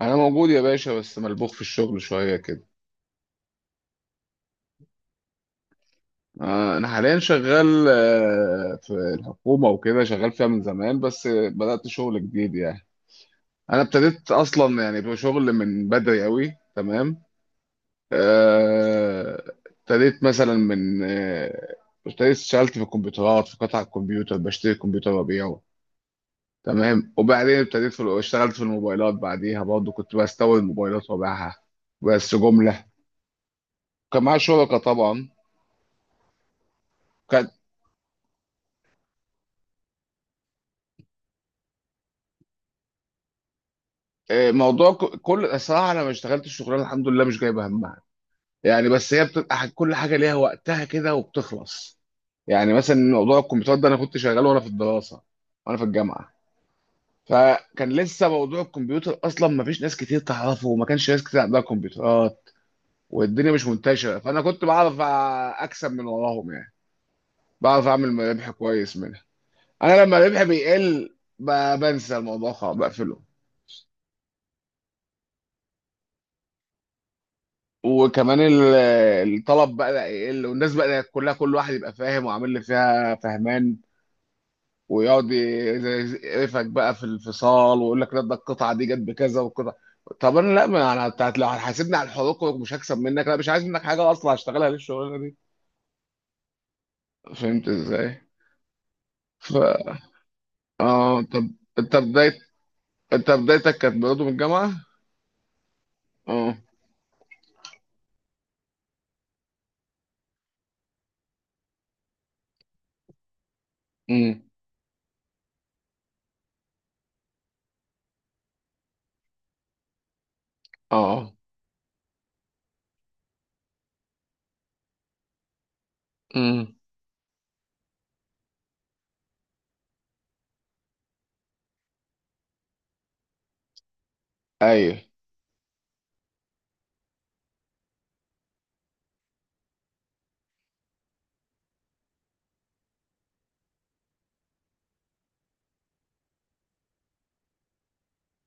انا موجود يا باشا، بس ملبوخ في الشغل شويه كده. انا حاليا شغال، في الحكومه وكده، شغال فيها من زمان بس بدات شغل جديد يعني. انا ابتديت اصلا يعني بشغل من بدري قوي، تمام. آه، ابتديت مثلا من ابتديت اشتغلت في الكمبيوترات، في قطع الكمبيوتر، بشتري كمبيوتر وابيعه. تمام. وبعدين ابتديت في اشتغلت في الموبايلات، بعديها برضه كنت بستورد موبايلات وابيعها، بس جمله. كان معايا شركه طبعا. موضوع كل الصراحه، انا ما اشتغلتش الشغلانه، الحمد لله مش جايبه همها يعني. بس هي بتبقى كل حاجه ليها وقتها كده وبتخلص يعني. مثلا موضوع الكمبيوتر ده انا كنت شغال وانا في الدراسه وانا في الجامعه. فكان لسه موضوع الكمبيوتر اصلا ما فيش ناس كتير تعرفه، وما كانش ناس كتير عندها كمبيوترات، والدنيا مش منتشره، فانا كنت بعرف اكسب من وراهم يعني، بعرف اعمل ربح كويس منها. انا لما ربحي بيقل بنسى الموضوع خالص بقفله. وكمان الطلب بقى يقل، والناس بقى كلها كل واحد يبقى فاهم وعامل اللي فيها فهمان، ويقعد يقرفك بقى في الفصال، ويقول لك لا ده القطعه دي جت بكذا والقطعه. طب انا لا، ما انا بتاعت، لو هتحاسبني على الحقوق مش هكسب منك، لا مش عايز منك حاجه اصلا، هشتغلها ليه الشغلانه دي؟ فهمت ازاي؟ ف اه، طب. انت بدايه انت بدايتك كانت برضه من الجامعه. اه. امم. اه. امم. ايوه،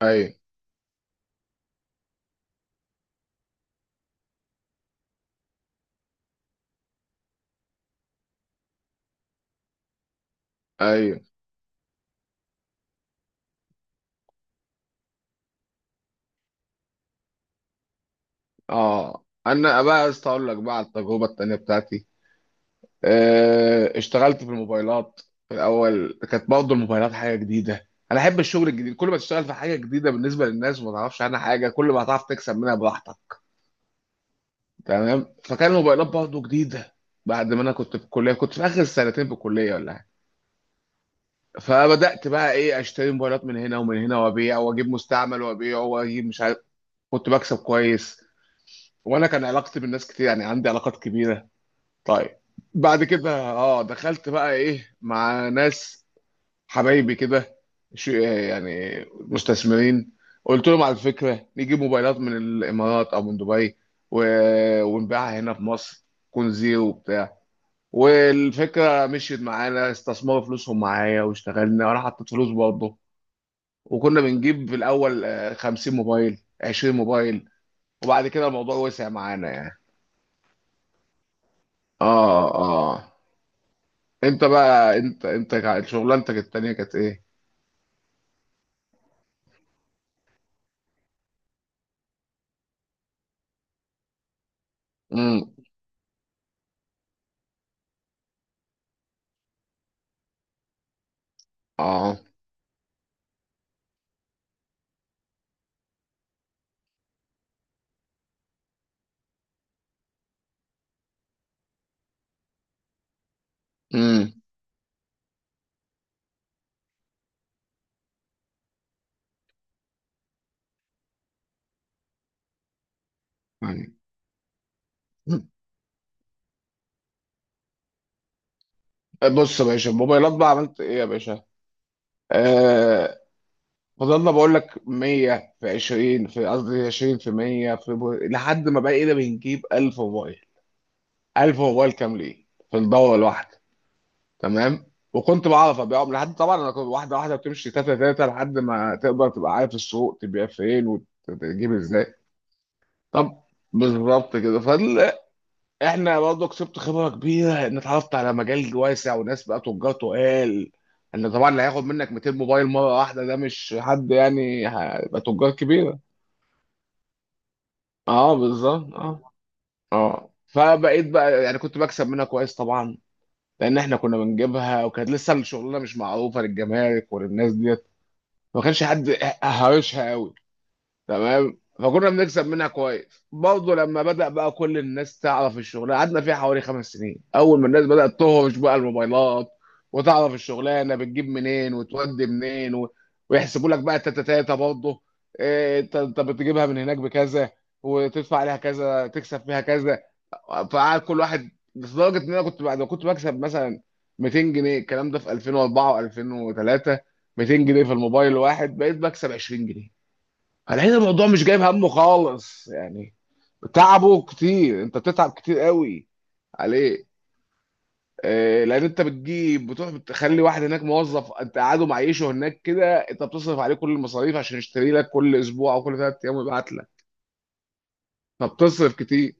ايوه، ايوه. اه. انا بقى عايز اقول لك بقى على التجربه التانيه بتاعتي. اشتغلت في الموبايلات. في الاول كانت برضه الموبايلات حاجه جديده، انا احب الشغل الجديد، كل ما تشتغل في حاجه جديده بالنسبه للناس وما تعرفش عنها حاجه، كل ما هتعرف تكسب منها براحتك. تمام، فكان الموبايلات برضه جديده، بعد ما انا كنت في الكليه، كنت في اخر سنتين في الكليه ولا حاجه. فبدات بقى ايه، اشتري موبايلات من هنا ومن هنا، وابيع واجيب مستعمل، وابيع واجيب مش عارف، كنت بكسب كويس. وانا كان علاقتي بالناس كتير، يعني عندي علاقات كبيره. طيب. بعد كده اه دخلت بقى ايه مع ناس، حبايبي كده، شو يعني، مستثمرين. قلت لهم على الفكره، نجيب موبايلات من الامارات او من دبي، و... ونبيعها هنا في مصر، تكون زيرو وبتاع. والفكره مشيت معانا، استثمروا فلوسهم معايا واشتغلنا وانا حطيت فلوس برضه. وكنا بنجيب في الاول، 50 موبايل، 20 موبايل. وبعد كده الموضوع وسع معانا يعني. اه اه. انت بقى انت انت كا- شغلانتك التانية كانت ايه؟ امم. اه. امم يعني. مم. بص يا باشا، الموبايلات بقى عملت ايه يا باشا؟ آه فضلنا بقول لك 100 في 20، في قصدي 20 في 100، في لحد ما بقينا بنجيب 1000 موبايل. 1000 موبايل كاملين في الدورة الواحدة، تمام؟ وكنت بعرف ابيعهم، لحد طبعا انا كنت واحده واحده بتمشي، تاتا تاتا، لحد ما تقدر تبقى عارف السوق، تبيع فين وتجيب ازاي. طب. بالظبط كده. احنا برضه كسبت خبره كبيره، ان اتعرفت على مجال واسع وناس بقى تجار تقال، ان طبعا اللي هياخد منك 200 موبايل مره واحده ده مش حد، يعني هيبقى تجار كبيره. اه بالظبط اه. اه فبقيت بقى يعني كنت بكسب منها كويس طبعا، لان احنا كنا بنجيبها وكانت لسه الشغلانه مش معروفه للجمارك وللناس ديت، ما كانش حد هارشها قوي. تمام، فكنا بنكسب منها كويس برضه، لما بدأ بقى كل الناس تعرف الشغلانه، قعدنا فيها حوالي 5 سنين. اول ما الناس بدأت تهرش بقى الموبايلات، وتعرف الشغلانه بتجيب منين وتودي منين و... ويحسبوا لك بقى التاتا تاتا برضه. إيه، انت بتجيبها من هناك بكذا، وتدفع عليها كذا، تكسب فيها كذا. فقعد كل واحد، لدرجه ان انا كنت، بعد ما كنت بكسب مثلا 200 جنيه، الكلام ده في 2004 و2003، 200 جنيه في الموبايل الواحد، بقيت بكسب 20 جنيه. هنلاقي الموضوع مش جايب همه خالص يعني. تعبه كتير، انت بتتعب كتير قوي عليه. لان انت بتجيب، بتروح بتخلي واحد هناك موظف، انت قاعده معيشه هناك كده، انت بتصرف عليه كل المصاريف عشان يشتري لك كل اسبوع او كل 3 ايام ويبعت لك، فبتصرف كتير.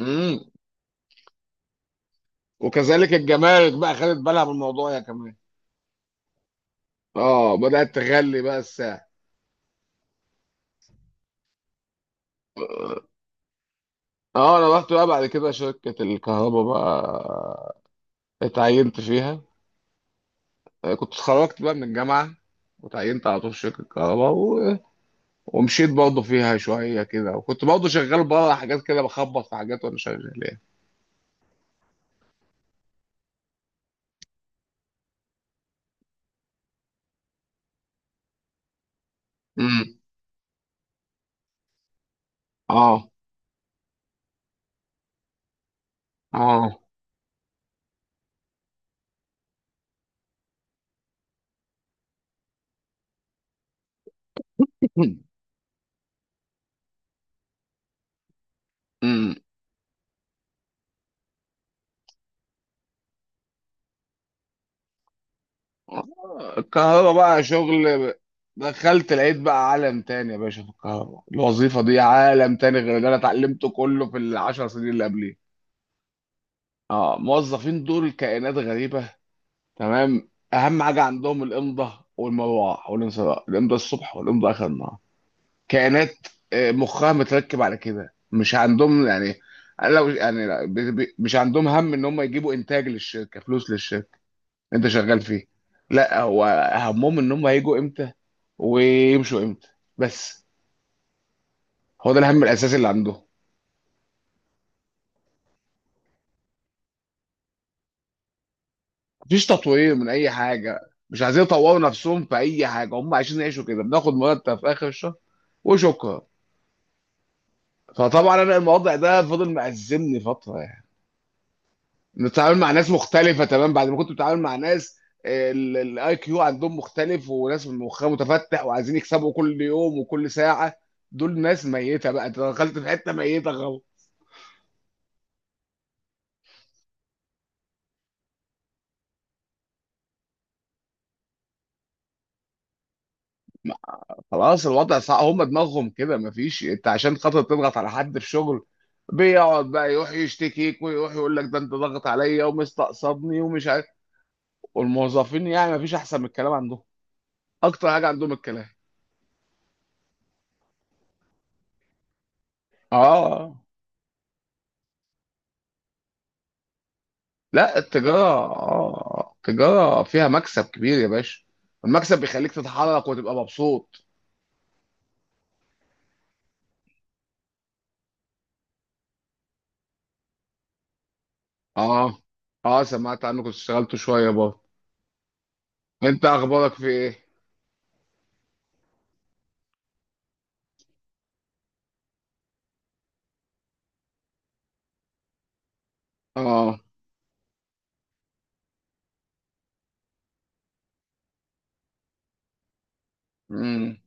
امم. وكذلك الجمارك بقى خدت بالها من الموضوع يا كمان. اه، بدأت تغلي بقى الساعة. اه انا رحت بقى بعد كده شركة الكهرباء بقى، اتعينت فيها. كنت اتخرجت بقى من الجامعة، وتعينت على طول في شركة كهرباء و... ومشيت برضه فيها شوية كده، وكنت برضه شغال بره حاجات كده، بخبط في حاجات وأنا شغال يعني. امم. اه اه. امم. الكهرباء بقى شغل. دخلت لقيت بقى عالم تاني يا باشا، في الكهرباء الوظيفة دي عالم تاني غير اللي أنا اتعلمته كله في العشر سنين اللي قبليه. اه موظفين دول كائنات غريبة. تمام، اهم حاجه عندهم الامضه والمروعه والانصراف، الامضه الصبح والامضه اخر النهار. كائنات مخها متركب على كده، مش عندهم يعني. لو يعني لا، مش عندهم هم ان هم يجيبوا انتاج للشركه، فلوس للشركه انت شغال فيه. لا، هو همهم ان هم هيجوا امتى ويمشوا امتى، بس. هو ده الهم الاساسي اللي عندهم. مفيش تطوير من اي حاجه، مش عايزين يطوروا نفسهم في اي حاجه، هم عايزين يعيشوا كده، بناخد مرتب في اخر الشهر وشكرا. فطبعا انا الموضوع ده فضل مأزمني فتره يعني. بتتعامل مع ناس مختلفة، تمام بعد ما كنت بتتعامل مع ناس الاي كيو عندهم مختلف، وناس مخها متفتح وعايزين يكسبوا كل يوم وكل ساعة، دول ناس ميتة بقى، انت دخلت في حتة ميتة خلاص. خلاص الوضع صعب، هم دماغهم كده مفيش. انت عشان خاطر تضغط على حد في شغل بيقعد بقى يروح يشتكيك، ويروح يقول لك ده انت ضغط عليا ومستقصدني ومش عارف، والموظفين يعني مفيش احسن من الكلام عندهم، اكتر حاجة عندهم الكلام. اه لا، التجارة فيها مكسب كبير يا باشا، المكسب بيخليك تتحرك وتبقى مبسوط. اه اه، سمعت عنك كنت اشتغلت شوية برضه. انت اخبارك في ايه؟ اه. امم.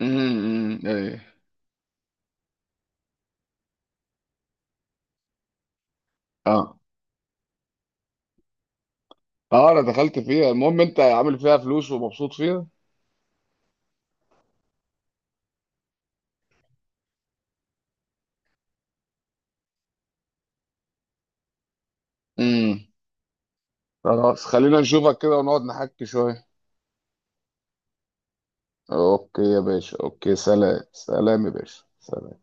امم. أمم، ايه. اه اه، انا دخلت فيها، المهم انت عامل فيها فلوس ومبسوط فيها. امم. خلاص، خلينا نشوفك كده ونقعد نحكي شوية. اوكي يا باشا، اوكي، سلام، سلام يا باشا، سلام.